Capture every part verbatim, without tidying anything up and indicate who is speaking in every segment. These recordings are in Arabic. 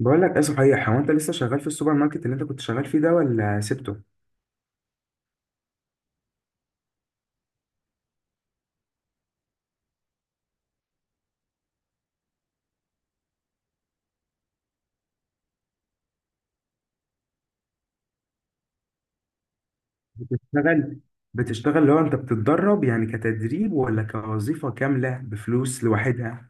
Speaker 1: بقول لك ايه؟ صحيح، هو انت لسه شغال في السوبر ماركت اللي انت كنت شغال فيه ده ولا سبته؟ بتشتغل بتشتغل لو انت بتتدرب، يعني كتدريب ولا كوظيفة كاملة بفلوس لوحدها؟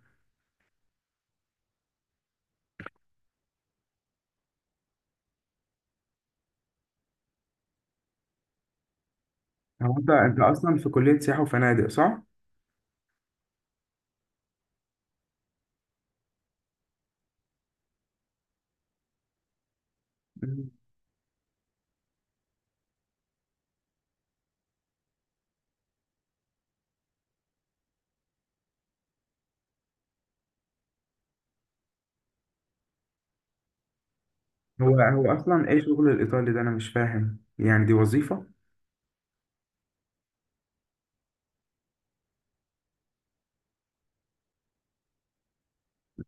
Speaker 1: هو انت انت اصلا في كلية سياحة وفنادق، صح؟ مم. هو هو اصلا ايه شغل الايطالي ده؟ انا مش فاهم، يعني دي وظيفة؟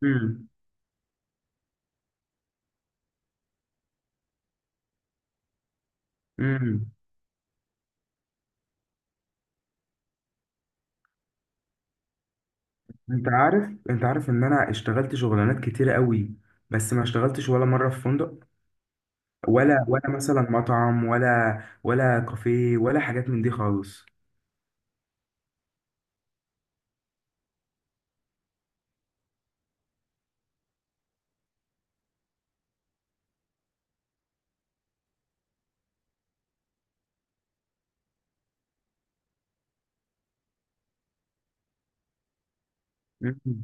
Speaker 1: امم، امم. انت عارف انت عارف ان انا اشتغلت شغلانات كتيرة قوي، بس ما اشتغلتش ولا مرة في فندق، ولا ولا مثلا مطعم، ولا ولا كافيه، ولا حاجات من دي خالص. مم.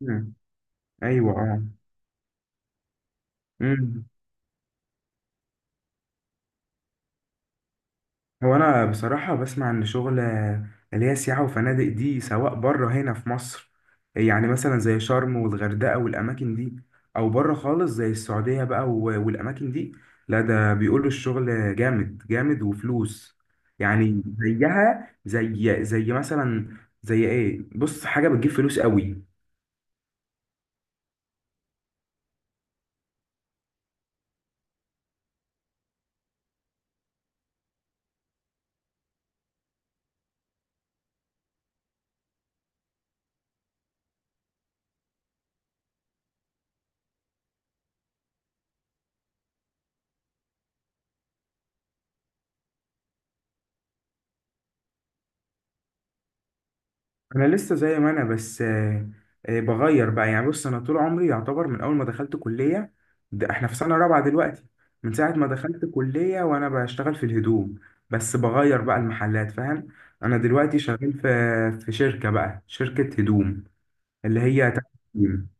Speaker 1: مم. ايوه، اه. مم. هو انا بصراحه بسمع ان شغل آه، اللي هي سياحه وفنادق دي، سواء بره هنا في مصر، يعني مثلا زي شرم والغردقه والاماكن دي، او بره خالص زي السعوديه بقى و- والاماكن دي، لا، ده بيقولوا الشغل جامد جامد وفلوس. يعني زيها زي زي مثلا، زي ايه؟ بص، حاجه بتجيب فلوس قوي. انا لسه زي ما انا، بس آه، آه، بغير بقى يعني، بص، انا طول عمري يعتبر من اول ما دخلت كليه، ده احنا في سنه رابعه دلوقتي. من ساعه ما دخلت كليه وانا بشتغل في الهدوم، بس بغير بقى المحلات، فاهم؟ انا دلوقتي شغال في في شركه، بقى شركه هدوم، اللي هي تحكيم.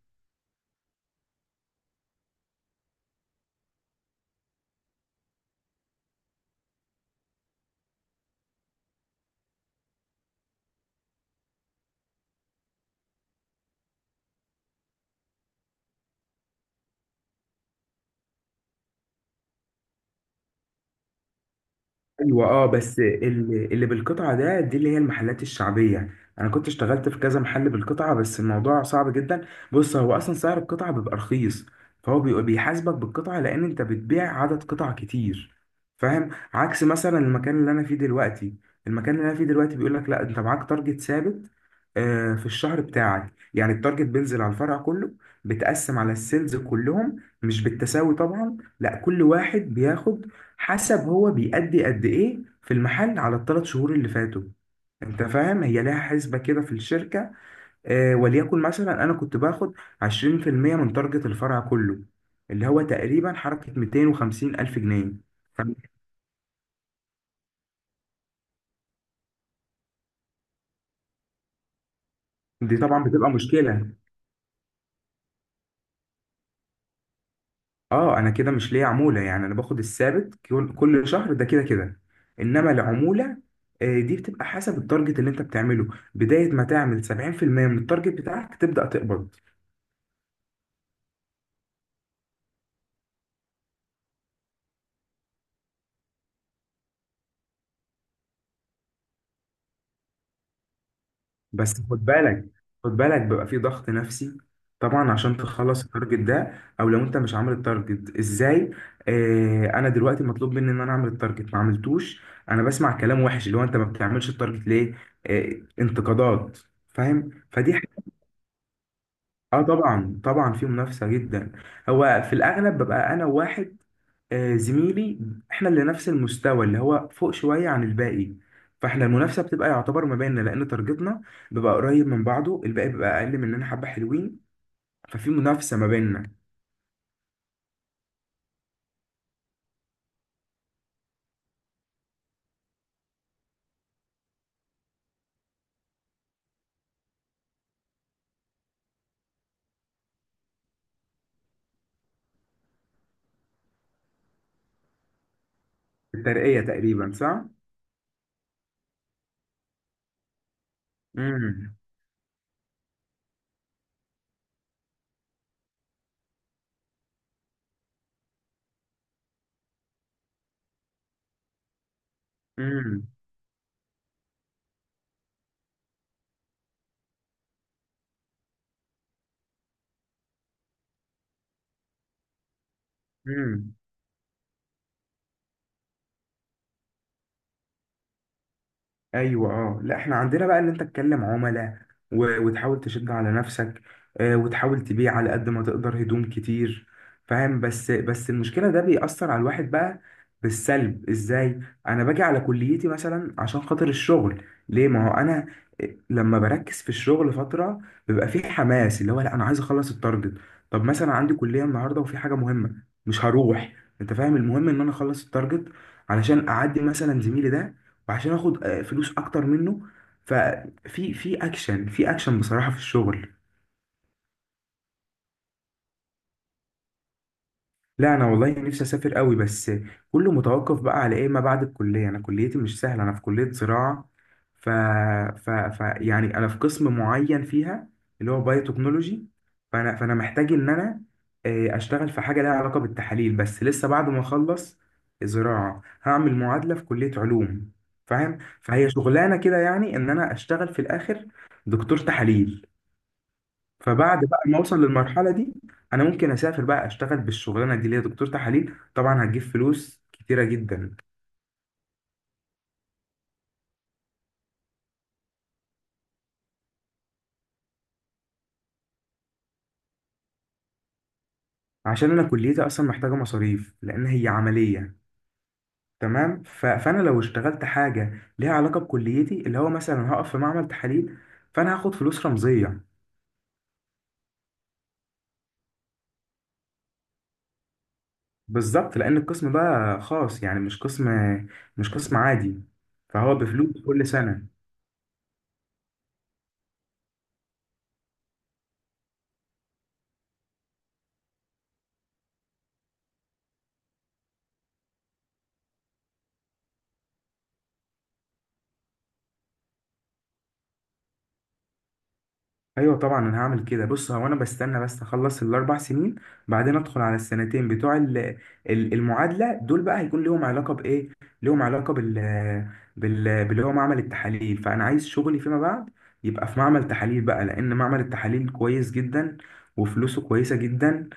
Speaker 1: ايوه، اه. بس اللي, اللي بالقطعه ده، دي اللي هي المحلات الشعبيه. انا كنت اشتغلت في كذا محل بالقطعه، بس الموضوع صعب جدا. بص، هو اصلا سعر القطعه بيبقى رخيص، فهو بي- بيحاسبك بالقطعه لان انت بتبيع عدد قطع كتير، فاهم؟ عكس مثلا المكان اللي انا فيه دلوقتي. المكان اللي انا فيه دلوقتي بيقول لك لا، انت معاك تارجت ثابت آه، في الشهر بتاعك، يعني التارجت بينزل على الفرع كله، بتقسم على السيلز كلهم، مش بالتساوي طبعا، لا، كل واحد بياخد حسب هو بيأدي قد ايه في المحل على الثلاث شهور اللي فاتوا. انت فاهم؟ هي لها حسبة كده في الشركة. آه وليكن مثلا انا كنت باخد عشرين في المية من تارجت الفرع كله، اللي هو تقريبا حركة ميتين وخمسين ألف جنيه. دي طبعا بتبقى مشكلة. اه، انا كده مش ليا عمولة، يعني انا باخد الثابت كل كل شهر ده، كده كده. انما العمولة آه، دي بتبقى حسب التارجت اللي انت بتعمله. بداية ما تعمل سبعين في المية من التارجت بتاعك تبدأ تقبض. بس خد بالك خد بالك بيبقى في ضغط نفسي طبعا عشان تخلص التارجت ده، او لو انت مش عامل التارجت، ازاي؟ آه انا دلوقتي مطلوب مني ان انا اعمل التارجت، ما عملتوش، انا بسمع كلام وحش، اللي هو انت ما بتعملش التارجت ليه؟ آه انتقادات، فاهم؟ فدي. اه، طبعا طبعا في منافسة جدا. هو في الأغلب ببقى أنا واحد آه، زميلي، احنا اللي نفس المستوى، اللي هو فوق شوية عن الباقي، فاحنا المنافسة بتبقى يعتبر ما بيننا، لأن تارجتنا بيبقى قريب من بعضه، الباقي بيبقى أقل مننا حبة، حلوين، ففي منافسة ما بيننا. الترقية تقريبا، صح؟ امم، امم، امم. ايوه، اه. لا، احنا عندنا بقى ان انت تكلم عملاء و- وتحاول تشد على نفسك آه، وتحاول تبيع على قد ما تقدر هدوم كتير، فاهم؟ بس بس المشكله ده بيأثر على الواحد بقى بالسلب، ازاي؟ انا باجي على كليتي مثلا عشان خاطر الشغل، ليه؟ ما هو انا لما بركز في الشغل فتره، بيبقى فيه حماس، اللي هو لا، انا عايز اخلص التارجت. طب مثلا عندي كليه النهارده وفي حاجه مهمه، مش هروح. انت فاهم؟ المهم ان انا اخلص التارجت علشان اعدي مثلا زميلي ده، وعشان اخد آه، فلوس اكتر منه. ففي في اكشن، في اكشن بصراحة في الشغل. لا، انا والله نفسي اسافر قوي، بس كله متوقف بقى على ايه ما بعد الكليه. انا كليتي مش سهله، انا في كليه زراعه، ف... ف... ف يعني انا في قسم معين فيها، اللي هو بايوتكنولوجي، فانا فانا محتاج ان انا آه، اشتغل في حاجه لها علاقه بالتحاليل، بس لسه بعد ما اخلص زراعه هعمل معادله في كليه علوم، فاهم؟ فهي شغلانه كده، يعني ان انا اشتغل في الاخر دكتور تحاليل. فبعد بقى ما اوصل للمرحله دي، انا ممكن اسافر بقى اشتغل بالشغلانه دي اللي هي دكتور تحاليل، طبعا هتجيب فلوس كتيره جدا. عشان انا كليتي اصلا محتاجه مصاريف، لان هي عمليه، تمام؟ ف... فانا لو اشتغلت حاجه ليها علاقه بكليتي، اللي هو مثلا هقف في معمل تحاليل، فانا هاخد فلوس رمزيه. بالظبط، لان القسم ده خاص، يعني مش قسم مش قسم عادي، فهو بفلوس كل سنه. ايوه طبعا، انا هعمل كده. بص، هو انا بستنى بس اخلص الاربع سنين، بعدين ادخل على السنتين بتوع ال- ال- المعادله، دول بقى هيكون ليهم علاقه بايه؟ ليهم علاقه بال بال باللي هو معمل التحاليل. فانا عايز شغلي فيما بعد يبقى في معمل تحاليل بقى، لان معمل التحاليل كويس جدا وفلوسه كويسه جدا.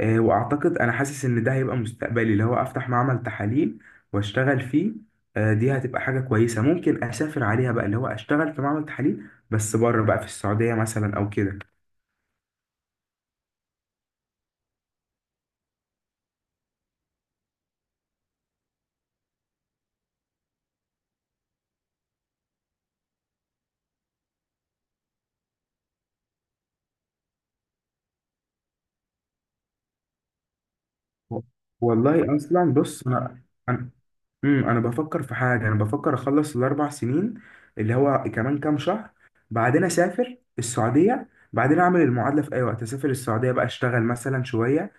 Speaker 1: آه، واعتقد انا حاسس ان ده هيبقى مستقبلي، اللي هو افتح معمل تحاليل واشتغل فيه. آه، دي هتبقى حاجة كويسة ممكن اسافر عليها بقى، اللي هو اشتغل في معمل تحاليل، بس بره بقى، في السعودية مثلا او كده. و- والله اصلا، بص، انا انا امم انا بفكر في حاجة، انا بفكر اخلص الاربع سنين، اللي هو كمان كام شهر، بعدين اسافر السعودية، بعدين اعمل المعادلة في اي وقت، اسافر السعودية بقى اشتغل مثلا شوية.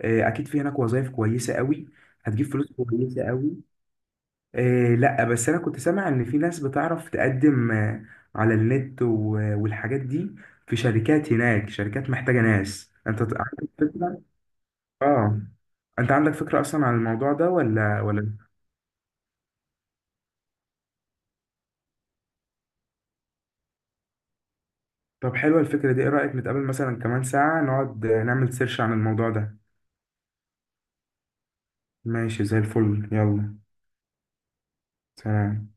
Speaker 1: آه، اكيد في هناك وظائف كويسة قوي، هتجيب فلوس كويسة قوي. إيه لا، بس انا كنت سامع ان في ناس بتعرف تقدم آه، على النت و- والحاجات دي، في شركات هناك، شركات محتاجة ناس. انت ت- عندك فكرة؟ اه. انت عندك فكرة اصلا عن الموضوع ده ولا ولا؟ طب حلوة الفكرة دي، ايه رأيك نتقابل مثلا كمان ساعة نقعد آه، نعمل سيرش عن الموضوع ده؟ ماشي زي الفل، يلا. سلام.